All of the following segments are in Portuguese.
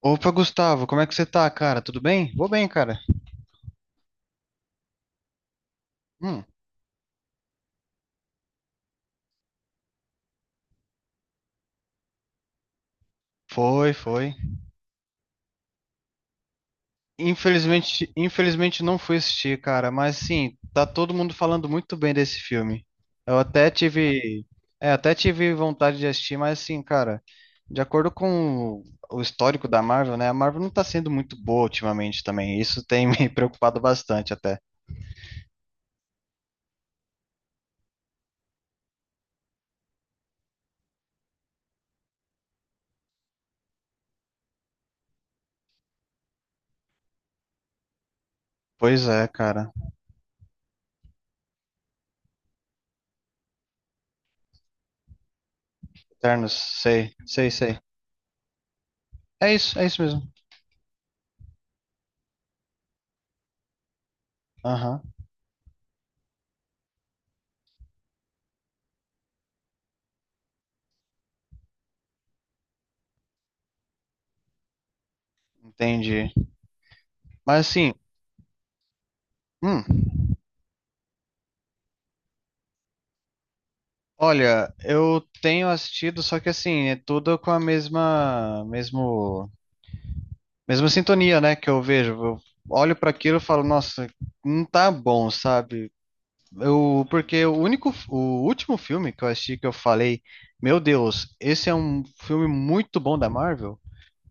Opa, Gustavo, como é que você tá, cara? Tudo bem? Vou bem, cara. Hum, foi, foi. Infelizmente não fui assistir, cara, mas sim, tá todo mundo falando muito bem desse filme. Eu até tive, é, até tive vontade de assistir, mas assim, cara, de acordo com o histórico da Marvel, né? A Marvel não tá sendo muito boa ultimamente também. Isso tem me preocupado bastante até. Pois é, cara. Eternos, sei, sei, sei. É isso mesmo. Aham, entendi. Mas assim, hum. Olha, eu tenho assistido, só que assim, é tudo com a mesma, mesmo, mesma sintonia, né, que eu vejo. Eu olho para aquilo e falo, nossa, não tá bom, sabe? Eu, porque o único, o último filme que eu assisti que eu falei, meu Deus, esse é um filme muito bom da Marvel,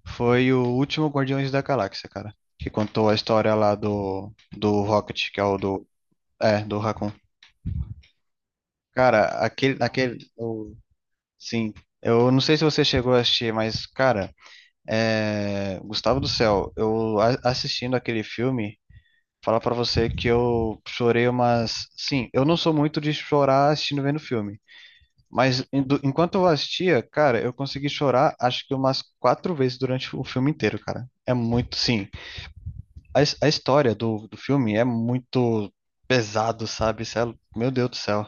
foi o último Guardiões da Galáxia, cara, que contou a história lá do Rocket, que é o do, é, do Raccoon. Cara, aquele, aquele, Sim, eu não sei se você chegou a assistir, mas, cara, Gustavo do Céu, assistindo aquele filme, falar pra você que eu chorei umas. Sim, eu não sou muito de chorar assistindo vendo filme, mas enquanto eu assistia, cara, eu consegui chorar acho que umas 4 vezes durante o filme inteiro, cara. É muito, sim. A, a história do, do filme é muito pesado, sabe? Meu Deus do céu.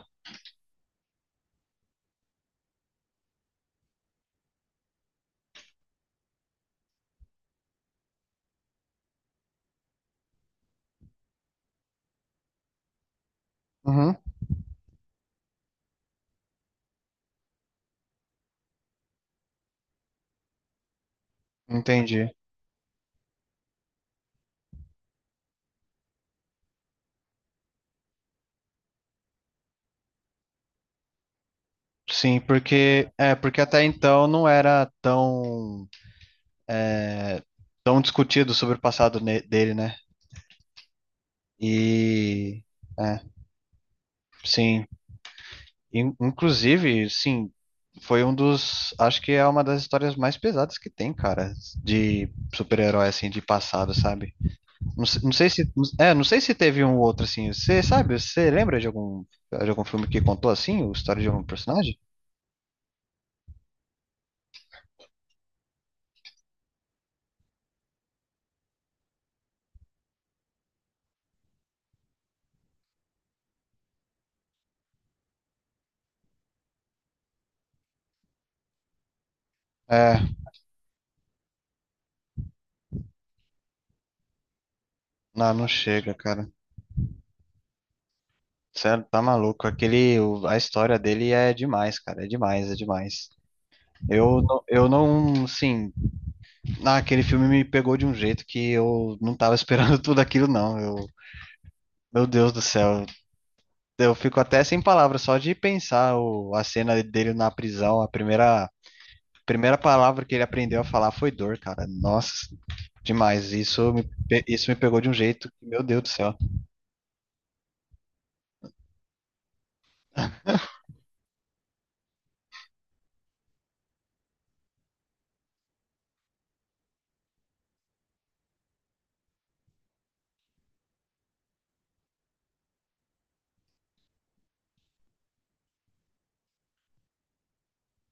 Uhum, entendi. Sim, porque é porque até então não era tão é, tão discutido sobre o passado dele, né? E é, sim, inclusive, sim, foi um dos, acho que é uma das histórias mais pesadas que tem, cara, de super-herói assim de passado, sabe? Não, não sei se é, não sei se teve um outro assim. Você sabe? Você lembra de algum filme que contou assim, a história de algum personagem? É, não, não chega, cara. Sério, tá maluco. Aquele, a história dele é demais, cara. É demais, é demais. Eu, eu não, assim, ah, aquele filme me pegou de um jeito que eu não tava esperando tudo aquilo, não. Eu, meu Deus do céu. Eu fico até sem palavras só de pensar o, a cena dele na prisão. Primeira palavra que ele aprendeu a falar foi dor, cara. Nossa, demais. Isso me pegou de um jeito que, meu Deus do céu.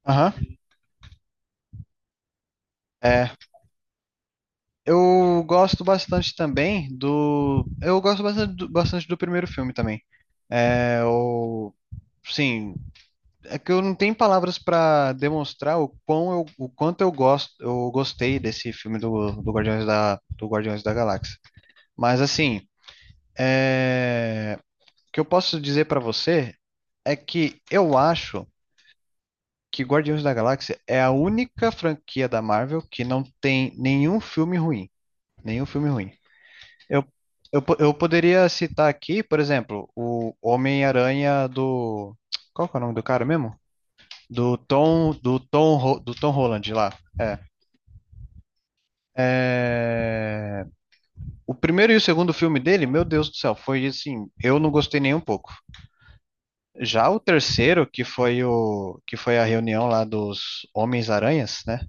Aham. É. Eu gosto bastante também do. Eu gosto bastante do primeiro filme também. É, o, sim, é que eu não tenho palavras pra demonstrar o quanto eu gosto, eu gostei desse filme do, do Guardiões da Galáxia. Mas assim, é, o que eu posso dizer pra você é que eu acho que Guardiões da Galáxia é a única franquia da Marvel que não tem nenhum filme ruim. Nenhum filme ruim. Eu, eu poderia citar aqui, por exemplo, o Homem-Aranha do. Qual que é o nome do cara mesmo? Do Tom Holland lá. É, o primeiro e o segundo filme dele, meu Deus do céu, foi assim, eu não gostei nem um pouco. Já o terceiro, que foi o que foi a reunião lá dos Homens-Aranhas, né?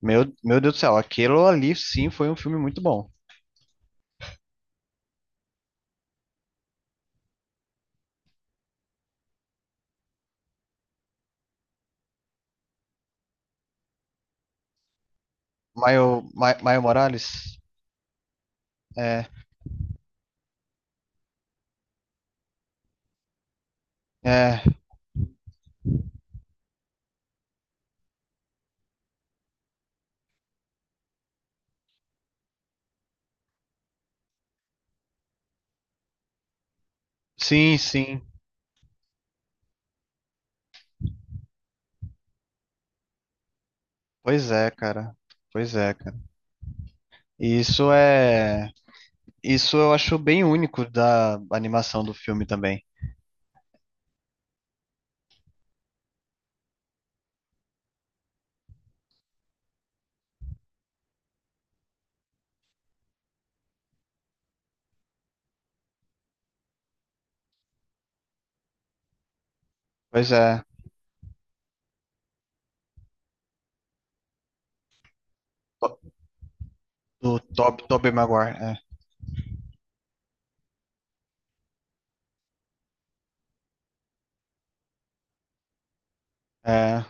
Meu Deus do céu, aquilo ali sim foi um filme muito bom. Maio Morales, é, é, sim, sim. Pois é, cara. Pois é, cara. E isso é. Isso eu acho bem único da animação do filme também. Pois é. To- Do Tobey Maguire. É. É.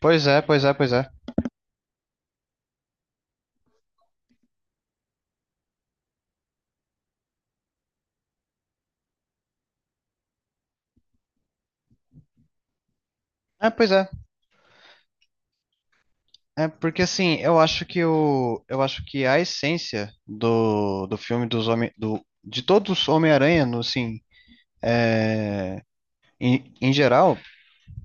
Pois é, pois é, pois é. É, pois é. É porque assim, eu acho que o. Eu acho que a essência do, do filme de todos os Homem-Aranha, no, assim, em, em geral,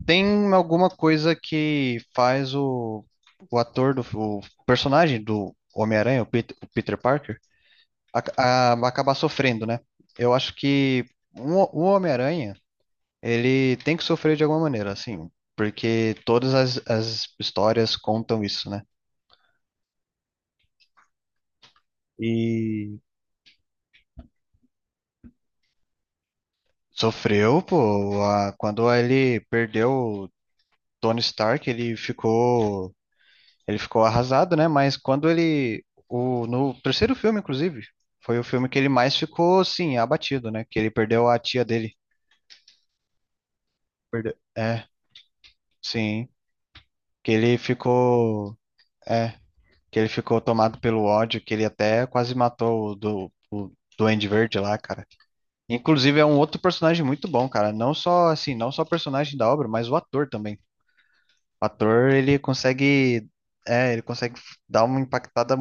tem alguma coisa que faz o ator do o personagem do Homem-Aranha, o Peter Parker acabar sofrendo, né? Eu acho que um, o Homem-Aranha, ele tem que sofrer de alguma maneira, assim, porque todas as, as histórias contam isso, né? E sofreu, pô, quando ele perdeu o Tony Stark, ele ficou arrasado, né? Mas quando ele, o, no terceiro filme, inclusive, foi o filme que ele mais ficou, sim, abatido, né? Que ele perdeu a tia dele. Perdeu. É, sim. Que ele ficou. É, que ele ficou tomado pelo ódio, que ele até quase matou o Duende Verde lá, cara. Inclusive é um outro personagem muito bom, cara. Não só assim, não só o personagem da obra, mas o ator também. O ator, ele consegue, é, ele consegue dar uma impactada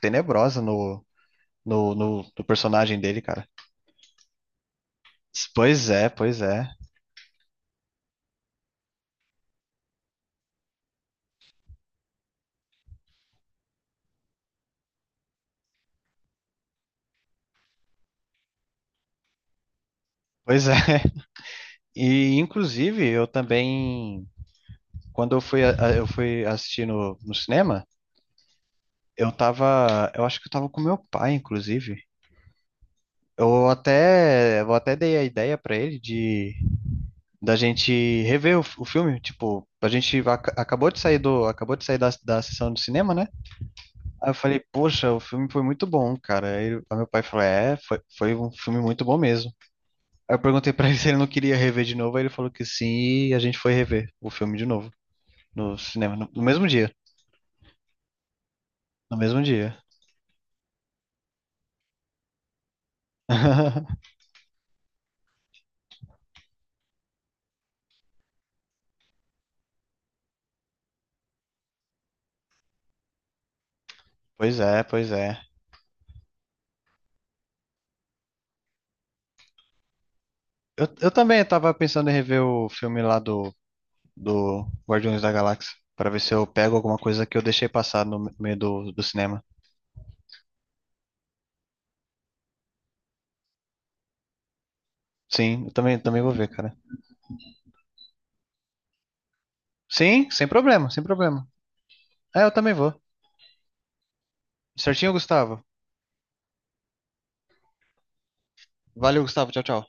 tenebrosa no personagem dele, cara. Pois é, pois é. Pois é. E inclusive eu também quando eu fui eu fui assistir no, no cinema, eu tava, eu acho que eu tava com meu pai, inclusive. Eu até dei a ideia pra ele de da gente rever o filme, tipo, a gente acabou de sair do, acabou de sair da, da sessão do cinema, né? Aí eu falei, poxa, o filme foi muito bom, cara. Aí aí meu pai falou, é, foi, foi um filme muito bom mesmo. Aí eu perguntei pra ele se ele não queria rever de novo, aí ele falou que sim, e a gente foi rever o filme de novo no cinema, no, no mesmo dia, no mesmo dia. Pois é, pois é. Eu também tava pensando em rever o filme lá do Guardiões da Galáxia, para ver se eu pego alguma coisa que eu deixei passar no meio do, do cinema. Sim, eu também, também vou ver, cara. Sim, sem problema, sem problema. É, eu também vou. Certinho, Gustavo. Valeu, Gustavo. Tchau, tchau.